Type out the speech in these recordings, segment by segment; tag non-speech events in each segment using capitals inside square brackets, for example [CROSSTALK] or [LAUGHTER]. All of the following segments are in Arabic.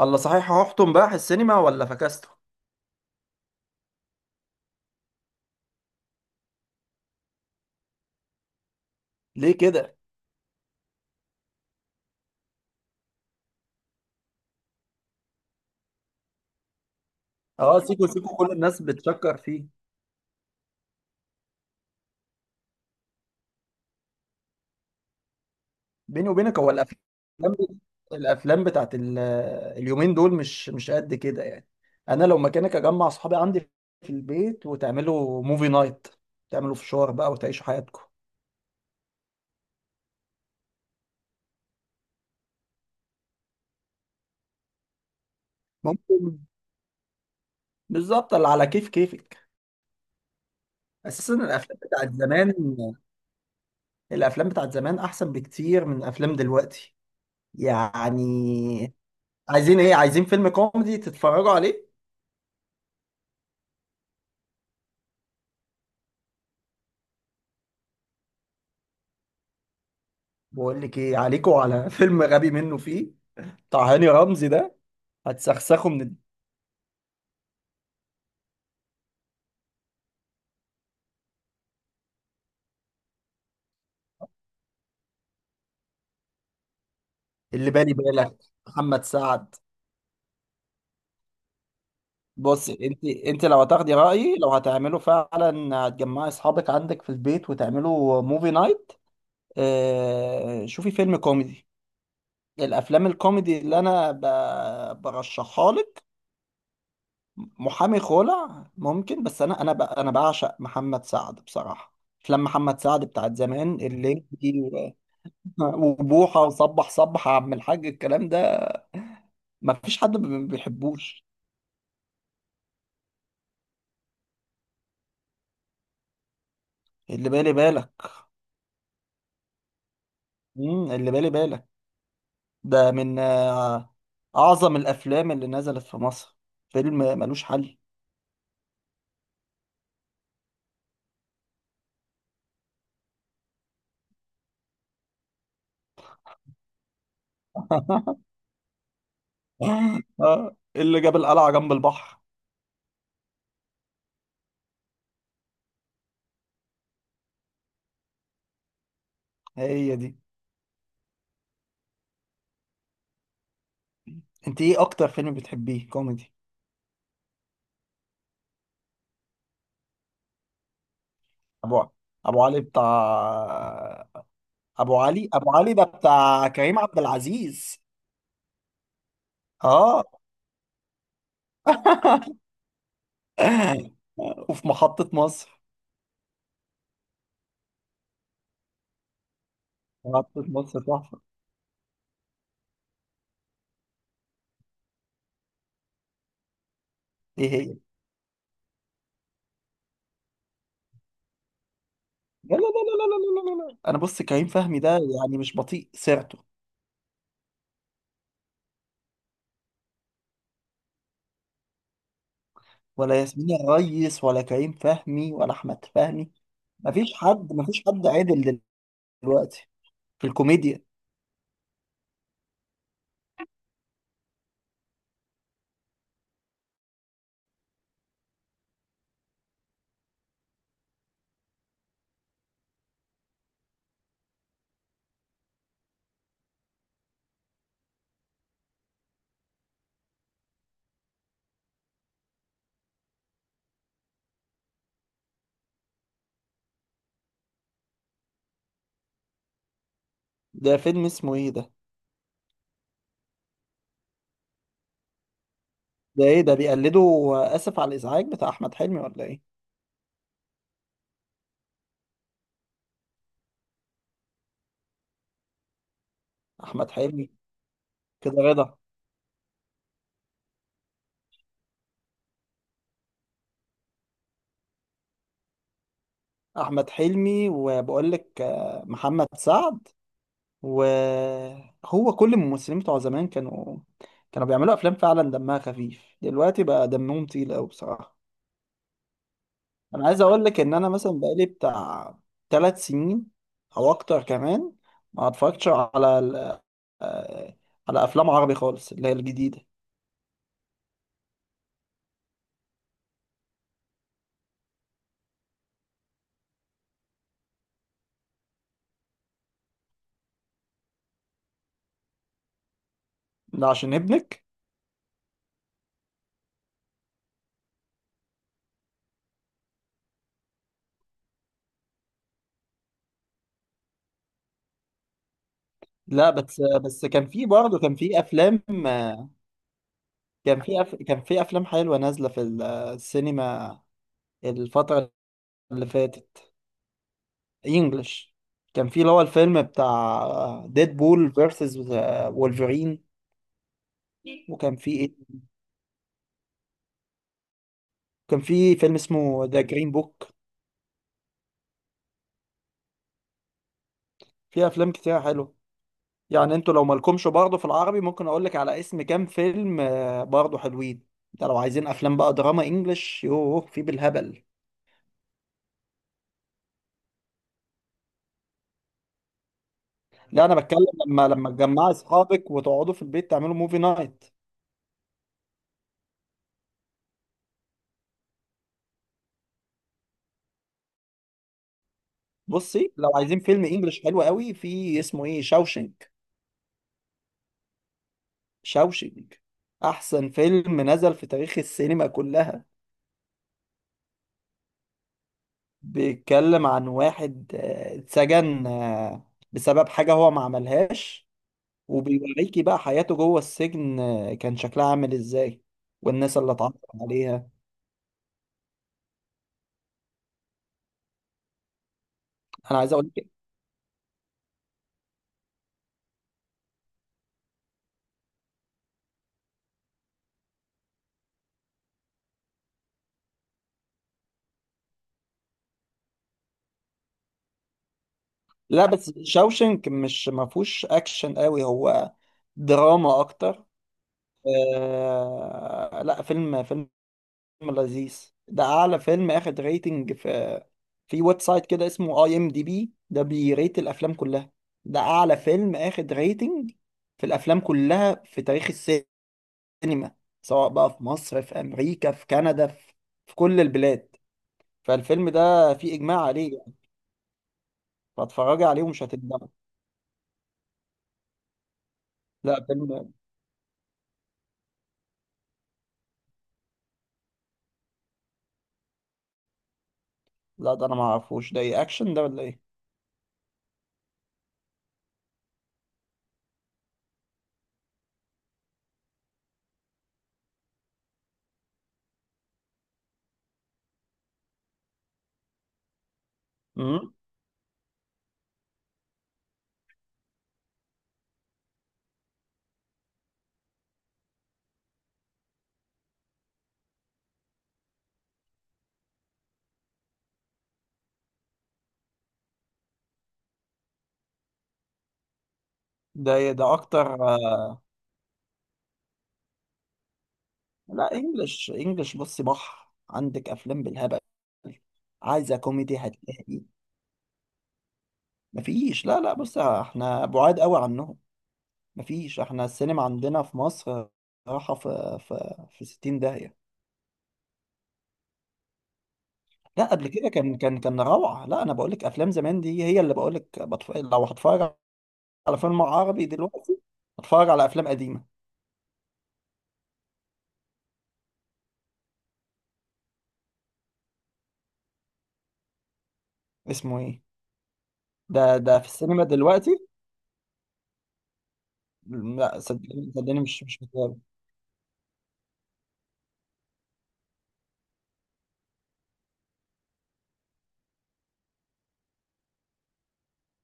الله صحيح، هحطم بقى السينما ولا فكسته؟ ليه كده؟ اه سيكو [LAUGHS] سيكو، كل الناس بتشكر فيه. بيني وبينك هو الافلام، الافلام بتاعت ال- اليومين دول مش قد كده يعني. انا لو مكانك اجمع اصحابي عندي في البيت وتعملوا موفي نايت، تعملوا فشار بقى وتعيشوا حياتكم. ممكن. بالظبط، اللي على كيف كيفك. اساسا الافلام بتاعت زمان، الافلام بتاعت زمان احسن بكتير من افلام دلوقتي يعني. عايزين ايه؟ عايزين فيلم كوميدي تتفرجوا عليه؟ بقول لك ايه، عليكوا على [LAUGHS] فيلم غبي منه فيه، بتاع هاني رمزي ده. هتسخسخه من ال- اللي بالي بالك، محمد سعد. بص، انت لو هتاخدي رايي، لو هتعمله فعلا هتجمعي اصحابك عندك في البيت وتعملوا موفي نايت. اه شوفي فيلم كوميدي، الافلام الكوميدي اللي برشحها لك. محامي خلع ممكن، بس انا بعشق محمد سعد بصراحه. افلام محمد سعد بتاعت زمان، الليمبي وبوحة وصبح صبح يا عم الحاج الكلام ده، ما فيش حد ما بيحبوش. اللي بالي بالك. اللي بالي بالك، ده من أعظم الأفلام اللي نزلت في مصر، فيلم ملوش حل. [LAUGHS] اللي جاب القلعة جنب البحر. هي دي. انت ايه أكتر فيلم بتحبيه كوميدي؟ أبو أبو علي بتاع؟ أبو علي، ده بتاع كريم عبد العزيز. اه. [LAUGHS] وفي محطة مصر. محطة مصر تحفة. ايه هي؟ لا لا لا لا لا لا لا لا لا. انا بص، كريم فهمي ده يعني مش بطيء سيرته. ولا ياسمين الريس، ولا كريم فهمي، ولا احمد فهمي. مفيش حد عادل دلوقتي في الكوميديا. ده فيلم اسمه ايه ده؟ ده ايه ده، بيقلدوا اسف على الازعاج بتاع احمد حلمي ولا ايه؟ احمد حلمي. كده رضا. احمد حلمي، وبقول لك محمد سعد. وهو كل الممثلين بتوع زمان كانوا، كانوا بيعملوا افلام فعلا دمها خفيف، دلوقتي بقى دمهم تقيل قوي بصراحة. انا عايز اقول لك ان انا مثلا بقالي بتاع ثلاث سنين او اكتر كمان ما اتفرجتش على ال- آه، على افلام عربي خالص اللي هي الجديده. ده عشان ابنك. لا بس كان في برضه، كان في افلام، كان في افلام حلوه نازله في ال- آه، السينما الفتره اللي فاتت، انجلش. كان في اللي هو الفيلم بتاع ديد بول فيرسز وولفرين. وكان في ايه، كان في فيلم اسمه ذا جرين بوك. في افلام كتير حلوه يعني. انتوا لو مالكمش برضه في العربي، ممكن اقول لك على اسم كام فيلم برضه حلوين. ده لو عايزين افلام بقى دراما انجلش، يوه في بالهبل. لا انا بتكلم لما تجمعي اصحابك وتقعدوا في البيت تعملوا موفي نايت. بصي، لو عايزين فيلم انجلش حلو قوي، في اسمه ايه، شاوشنك. شاوشنك احسن فيلم نزل في تاريخ السينما كلها. بيتكلم عن واحد اتسجن بسبب حاجة هو ما عملهاش، وبيوريكي بقى حياته جوه السجن، كان شكلها عامل ازاي، والناس اللي اتعرف عليها. انا عايز اقول لك. لا بس شاوشنك مش، ما فيهوش اكشن قوي، هو دراما اكتر. آه. لا فيلم، لذيذ. ده اعلى فيلم اخد ريتنج في، في ويب سايت كده اسمه اي ام دي بي، ده بيريت الافلام كلها. ده اعلى فيلم اخد ريتنج في الافلام كلها في تاريخ السينما، السينما، سواء بقى في مصر، في امريكا، في كندا، في، في كل البلاد. فالفيلم ده في اجماع عليه يعني. فاتفرجي عليه ومش هتندمي. لا فيلم. لا ده انا ما اعرفوش ده، ايه اكشن ده ولا ايه؟ امم. ده إيه ده اكتر؟ لا انجلش، انجلش بصي بحر، عندك افلام بالهبل. عايزه كوميدي هتلاقي. مفيش. لا لا، بص احنا بعاد قوي عنهم. مفيش، احنا السينما عندنا في مصر راحه في في 60 داهيه. لا قبل كده كان روعه. لا انا بقول لك افلام زمان دي، هي اللي بقول لك، لو هتفرج على فيلم عربي دلوقتي، هتفرج على افلام قديمه. اسمه ايه ده؟ ده في السينما دلوقتي. لا صدقني، صدقني، مش متابع.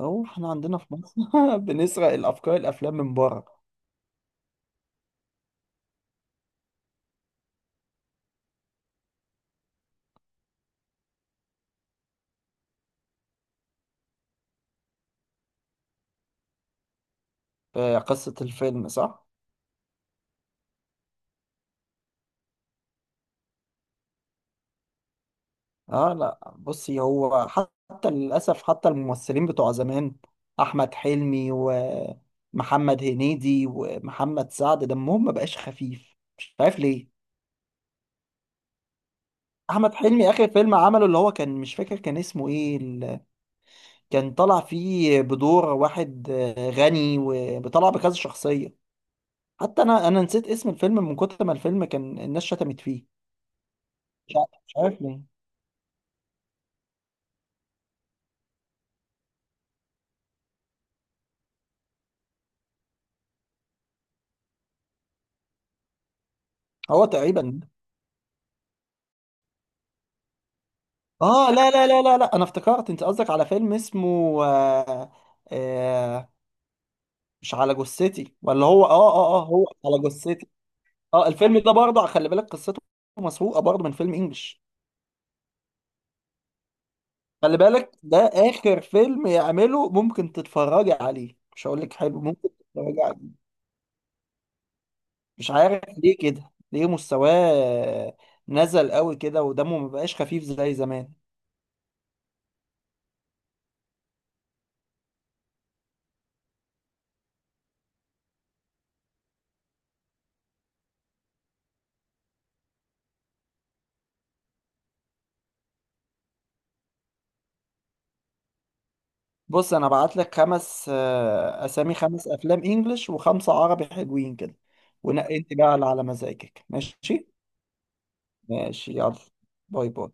هو احنا عندنا في مصر [LAUGHS] بنسرق الافكار، الافلام من بره. قصه الفيلم صح. اه لا بصي، هو حتى للاسف، حتى الممثلين بتوع زمان، احمد حلمي ومحمد هنيدي ومحمد سعد، دمهم ما بقاش خفيف، مش عارف ليه. احمد حلمي اخر فيلم عمله اللي هو كان، مش فاكر كان اسمه ايه كان طالع فيه بدور واحد غني وطلع بكذا شخصية. حتى انا نسيت اسم الفيلم من كتر ما الفيلم كان الناس شتمت فيه. مش عارف ليه. هو تقريبا. اه لا لا لا لا لا، انا افتكرت انت قصدك على فيلم اسمه آه، آه، مش على جثتي، ولا هو، اه اه اه، هو على جثتي. اه الفيلم ده برضه خلي بالك، قصته مسروقه برضه من فيلم انجلش. خلي بالك، ده اخر فيلم يعمله، ممكن تتفرجي عليه، مش هقول لك حلو، ممكن تتفرجي عليه. مش عارف ليه كده، ليه مستواه نزل قوي كده ودمه مبقاش خفيف زي زمان. بص انا بعت لك خمس اسامي، خمس افلام انجلش وخمسه عربي، حلوين كده. ونقي انت بقى اللي على مزاجك، ماشي. ماشي يلا. باي. باي